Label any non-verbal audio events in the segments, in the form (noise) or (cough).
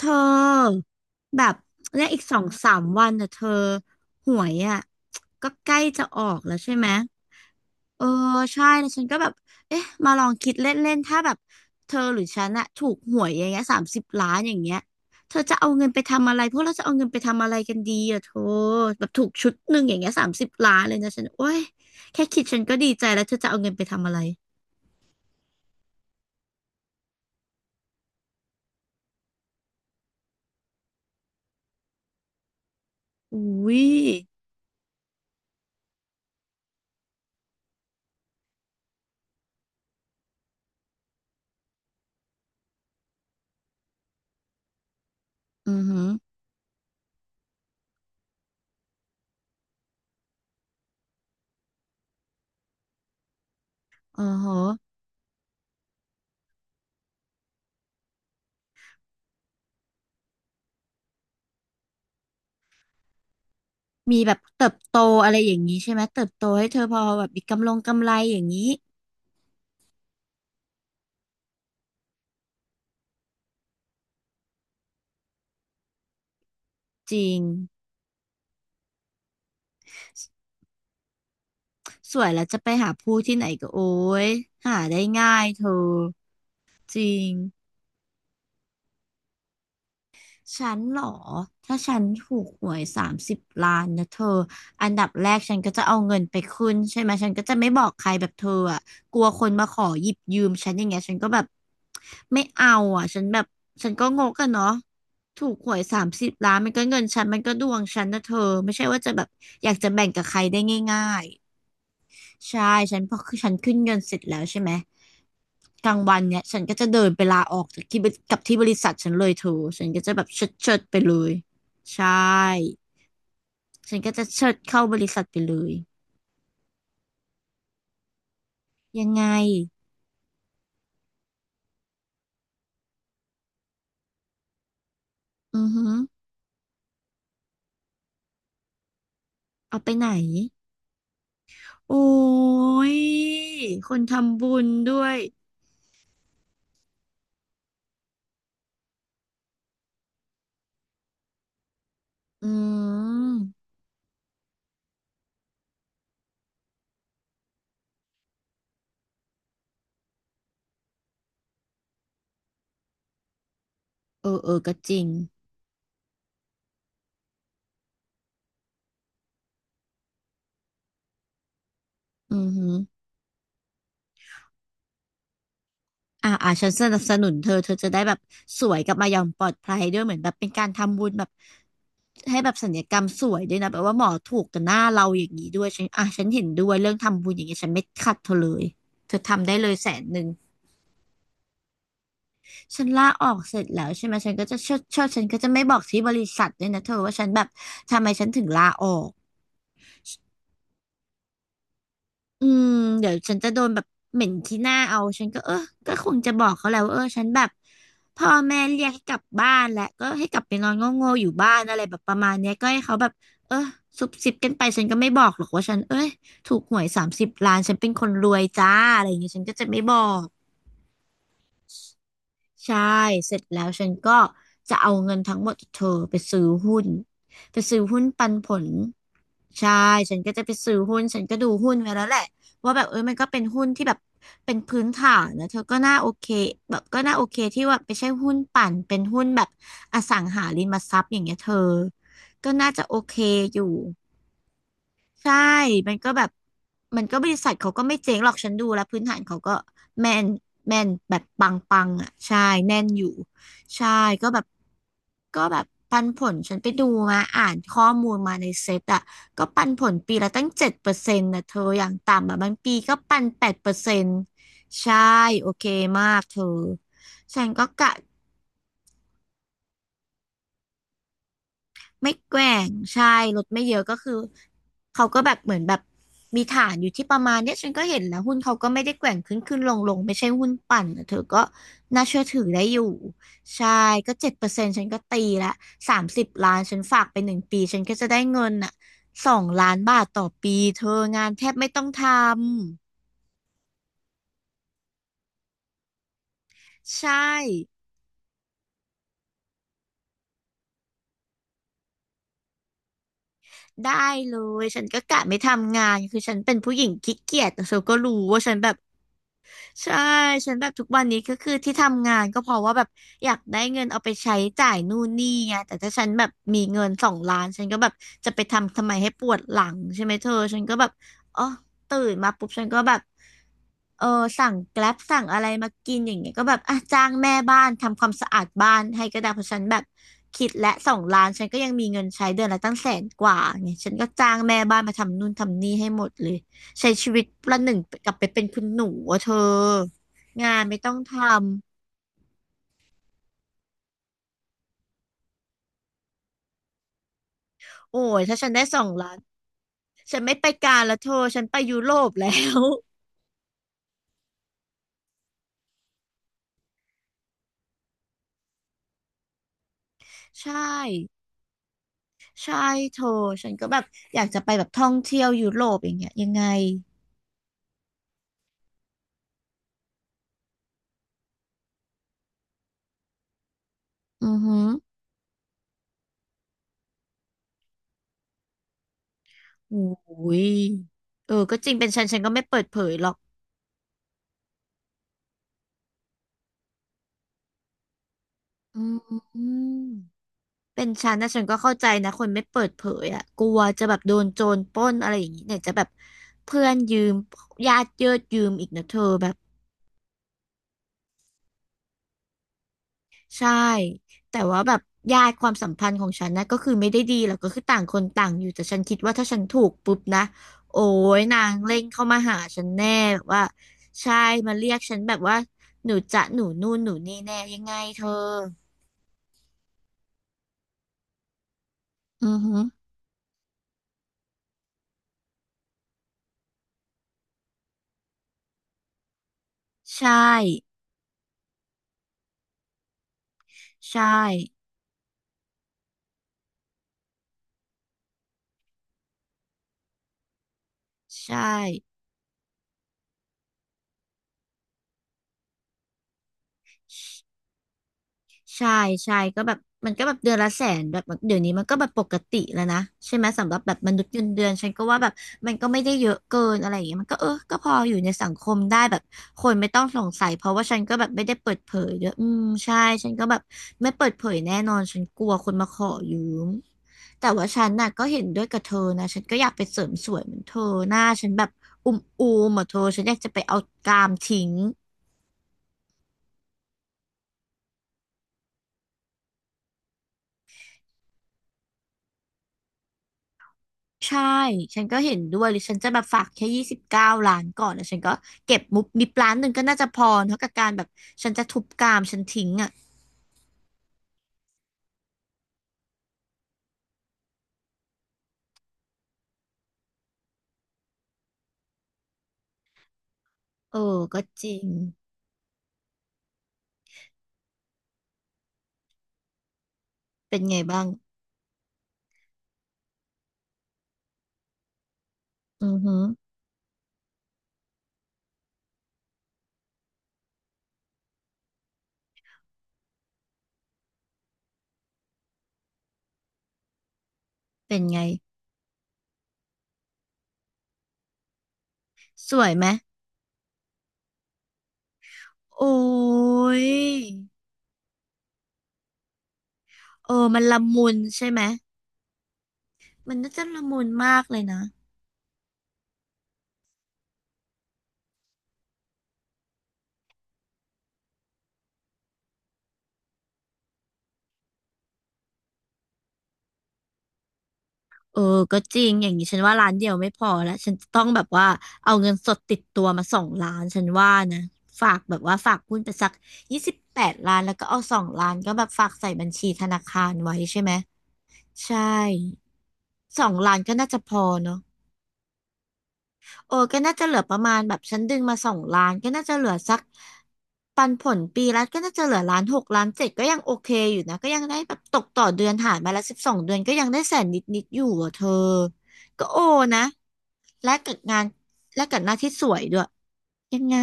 เธอแบบและอีกสองสามวันน่ะเธอหวยอ่ะก็ใกล้จะออกแล้วใช่ไหมเออใช่แล้วฉันก็แบบเอ๊ะมาลองคิดเล่นๆถ้าแบบเธอหรือฉันอะถูกหวยอย่างเงี้ยสามสิบล้านอย่างเงี้ยเธอจะเอาเงินไปทำอะไรพวกเราจะเอาเงินไปทำอะไรกันดีอะเธอแบบถูกชุดหนึ่งอย่างเงี้ยสามสิบล้านเลยนะฉันโอ้ยแค่คิดฉันก็ดีใจแล้วเธอจะเอาเงินไปทำอะไรอุ้ยอือหืออ๋อฮะ มีแบบเติบโตอะไรอย่างนี้ใช่ไหมเติบโตให้เธอพอแบบมีกำลงกำไรอย่างนี้จริงสวยแล้วจะไปหาผู้ที่ไหนก็โอ้ยหาได้ง่ายเธอจริง ฉันเหรอถ้าฉันถูกหวยสามสิบล้านนะเธออันดับแรกฉันก็จะเอาเงินไปขึ้นใช่ไหมฉันก็จะไม่บอกใครแบบเธออะกลัวคนมาขอหยิบยืมฉันอย่างเงี้ยฉันก็แบบไม่เอาอ่ะฉันแบบฉันก็งกอะเนาะถูกหวยสามสิบล้านมันก็เงินฉันมันก็ดวงฉันนะเธอไม่ใช่ว่าจะแบบอยากจะแบ่งกับใครได้ง่าย ใช่ฉันพอคือฉันขึ้นเงินเสร็จแล้วใช่ไหมกลางวันเนี่ยฉันก็จะเดินไปลาออกจากที่บริกับที่บริษัทฉันเลยเธอฉันก็จะแบบเชิดเชิดไปเลยใช่ฉันก็จะเชิดเข้าบริษัทไปเลยยังไงอือหือเอาไปไหนโอ้ยคนทำบุญด้วยอืมเออเออก็จริงอือหืออ่าอ่าฉันสนับสนุนเธอเธอจะได้แบบสวยกลับมาอย่างปลอดภัยด้วยเหมือนแบบเป็นการทำบุญแบบ ให้แบบศัลยกรรมสวยด้วยนะแบบว่าหมอถูกกับหน้าเราอย่างนี้ด้วยฉันอ่ะฉันเห็นด้วยเรื่องทำบุญอย่างเงี้ยฉันไม่ขัดเธอเลยเธอทำได้เลย100,000ฉันลาออกเสร็จแล้วใช่ไหมฉันก็จะเชิดเชิดฉันก็จะไม่บอกที่บริษัทด้วยนะเธอว่าฉันแบบทำไมฉันถึงลาออก อืมเดี๋ยวฉันจะโดนแบบเหม็นที่หน้าเอาฉันก็เออก็คงจะบอกเขาแหล้วาเออฉันแบบพ่อแม่เรียกให้กลับบ้านแหละก็ให้กลับไปนอนโง่ๆอยู่บ้านอะไรแบบประมาณเนี้ยก็ให้เขาแบบเออซุบซิบกันไปฉันก็ไม่บอกหรอกว่าฉันเอ้ยถูกหวยสามสิบล้านฉันเป็นคนรวยจ้าอะไรอย่างเงี้ยฉันก็จะไม่บอก ใช่เสร็จแล้วฉันก็จะเอาเงินทั้งหมดจากเธอไปซื้อหุ้นไปซื้อหุ้นปันผลใช่ฉันก็จะไปซื้อหุ้นฉันก็ดูหุ้นไว้แล้วแหละว่าแบบเออมันก็เป็นหุ้นที่แบบเป็นพื้นฐานนะเธอก็น่าโอเคแบบก็น่าโอเคที่ว่าไม่ใช่หุ้นปั่นเป็นหุ้นแบบอสังหาริมทรัพย์อย่างเงี้ยเธอก็น่าจะโอเคอยู่ ใช่ มันก็แบบ มันก็บริษัทเขาก็ไม่เจ๊งหรอกฉันดูแล้วพื้นฐานเขาก็แม่นแม่นแบบปังปังอ่ะใช่แน่นอยู่ ใช่ ก็แบบก็แบบปันผลฉันไปดูมาอ่านข้อมูลมาในเซ็ตอ่ะก็ปันผลปีละตั้งเจ็ดเปอร์เซ็นต์นะเธออย่างต่ำอ่ะบางปีก็ปัน8%ใช่ โอเคมากเธอฉันก็กะ ไม่แกว่งใช่ลดไม่เยอะก็คือเขาก็แบบเหมือนแบบมีฐานอยู่ที่ประมาณเนี้ยฉันก็เห็นแล้วหุ้นเขาก็ไม่ได้แกว่งขึ้นขึ้นลงลงไม่ใช่หุ้นปั่นอะเธอก็น่าเชื่อถือได้อยู่ใช่ก็เจ็ดเปอร์เซ็นต์ฉันก็ตีละสามสิบล้านฉันฝากไป1 ปีฉันก็จะได้เงินอ่ะ2 ล้านบาทต่อปีเธองานแทบไม่ต้องทำใช่ได้เลยฉันก็กะไม่ทำงานคือฉันเป็นผู้หญิงขี้เกียจแต่เธอก็รู้ว่าฉันแบบ ใช่ฉันแบบทุกวันนี้ก็คือที่ทำงานก็เพราะว่าแบบอยากได้เงินเอาไปใช้จ่ายนู่นนี่ไงแต่ถ้าฉันแบบมีเงินสองล้านฉันก็แบบจะไปทำทำไมให้ปวดหลังใช่ไหมเธอฉันก็แบบอ๋อตื่นมาปุ๊บฉันก็แบบเออสั่งแกร็บสั่งอะไรมากินอย่างเงี้ยก็แบบอ่ะจ้างแม่บ้านทำความสะอาดบ้านให้ก็ได้เพราะฉันแบบคิดและสองล้านฉันก็ยังมีเงินใช้เดือนละตั้งแสนกว่าไงฉันก็จ้างแม่บ้านมาทำนู่นทำนี่ให้หมดเลย ใช้ชีวิตประหนึ่งกลับไปเป็นคุณหนูอะเธองานไม่ต้องทำโอ้ยถ้าฉันได้สองล้านฉันไม่ไปกาลแล้วเธอฉันไปยุโรปแล้ว (laughs) ใช่ใช่เธอฉันก็แบบอยากจะไปแบบท่องเที่ยวยุโรปอย่างเงี้ยยังไงอือหือโอ้ยเออก็จริงเป็นฉันก็ไม่เปิดเผยหรอกอืม เป็นฉันนะฉันก็เข้าใจนะคนไม่เปิดเผยอ่ะกลัวจะแบบโดนโจรปล้นอะไรอย่างนี้เนี่ยจะแบบเพื่อนยืมญาติเยืดยืมอีกนะเธอแบบใช่แต่ว่าแบบญาติความสัมพันธ์ของฉันนะก็คือไม่ได้ดีหรอกก็คือต่างคนต่างอยู่แต่ฉันคิดว่าถ้าฉันถูกปุ๊บนะโอ้ยนางเร่งเข้ามาหาฉันแน่แบบว่าใช่มาเรียกฉันแบบว่าหนูจะหนูนู่นหนูนี่แน่ยังไงเธออือฮึใช่ใช่ใช่ ใช่ใช่ก็แบบมันก็แบบเดือนละแสนแบบเดี๋ยวนี้มันก็แบบปกติแล้วนะใช่ไหมสำหรับแบบมนุษย์เงินเดือนฉันก็ว่าแบบมันก็ไม่ได้เยอะเกินอะไรอย่างเงี้ยมันก็เออก็พออยู่ในสังคมได้แบบคนไม่ต้องสงสัยเพราะว่าฉันก็แบบไม่ได้เปิดเผยด้วยอืมใช่ฉันก็แบบไม่เปิดเผยแน่นอนฉันกลัวคนมาขอยืมแต่ว่าฉันน่ะก็เห็นด้วยกับเธอนะฉันก็อยากไปเสริมสวยเหมือนเธอหน้าฉันแบบอุ้มอูมเหมือนเธอฉันอยากจะไปเอากรามทิ้ง ใช่ ฉันก็เห็นด้วยหรือฉันจะแบบฝากแค่29 ล้านก่อนแล้วฉันก็เก็บมุบมิบล้านหนึ่งก็น่าจะพอเท่ากับการแบบฉันจะทุบกามฉันทิ้งอ่ะ เออ ก็จริง เป็นไงบ้าง อือหือเป็นไง สวยไหม โอ้ยเออ มันละมุนใช่ไหม มันน่าจะละมุนมากเลยนะ เออก็จริงอย่างนี้ฉันว่าร้านเดียวไม่พอแล้วฉันจะต้องแบบว่าเอาเงินสดติดตัวมาสองล้านฉันว่านะฝากแบบว่าฝากหุ้นไปสัก28 ล้านแล้วก็เอาสองล้านก็แบบฝากใส่บัญชีธนาคารไว้ใช่ไหมใช่สองล้านก็น่าจะพอเนาะ เออก็น่าจะเหลือประมาณแบบฉันดึงมาสองล้านก็น่าจะเหลือสักปันผลปีละก็น่าจะเหลือล้านหกล้านเจ็ดก็ยังโอเคอยู่นะก็ยังได้แบบตกต่อเดือนหารมาละ12 เดือนก็ยังได้แสนนิดอยู่อ่ะเธอก็โอนะและกับงานและกับหน้าที่สวยด้วยยังไง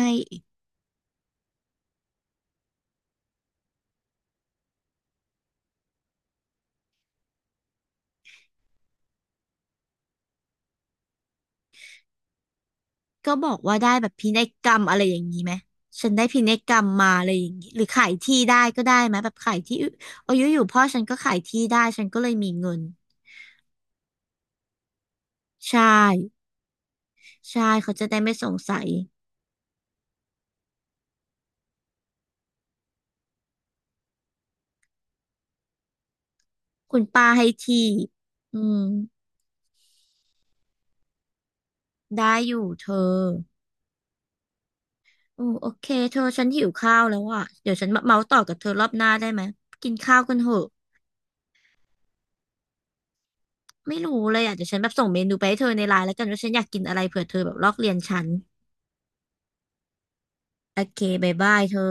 ก็บอกว่าได้แบบพินัยกรรมอะไรอย่างนี้ไหมฉันได้พินัยกรรมมาอะไรอย่างนี้หรือขายที่ได้ก็ได้ไหมแบบขายที่ออายุอยู่ๆพ่อฉันก็ขายที่ได้ฉันก็เลยมีเงินใช่ ใช่เขาจะได้ไม่สงสัยคุณป้าให้ที่อืมได้อยู่เธอโอ้โอเคเธอฉันหิวข้าวแล้วอ่ะเดี๋ยวฉันมาเมาส์ต่อกับเธอรอบหน้าได้ไหมกินข้าวกันเถอะไม่รู้เลยอ่ะเดี๋ยวฉันแบบส่งเมนูไปให้เธอในไลน์แล้วกันว่าฉันอยากกินอะไรเผื่อเธอแบบลอกเรียนฉันโอเคบายบายเธอ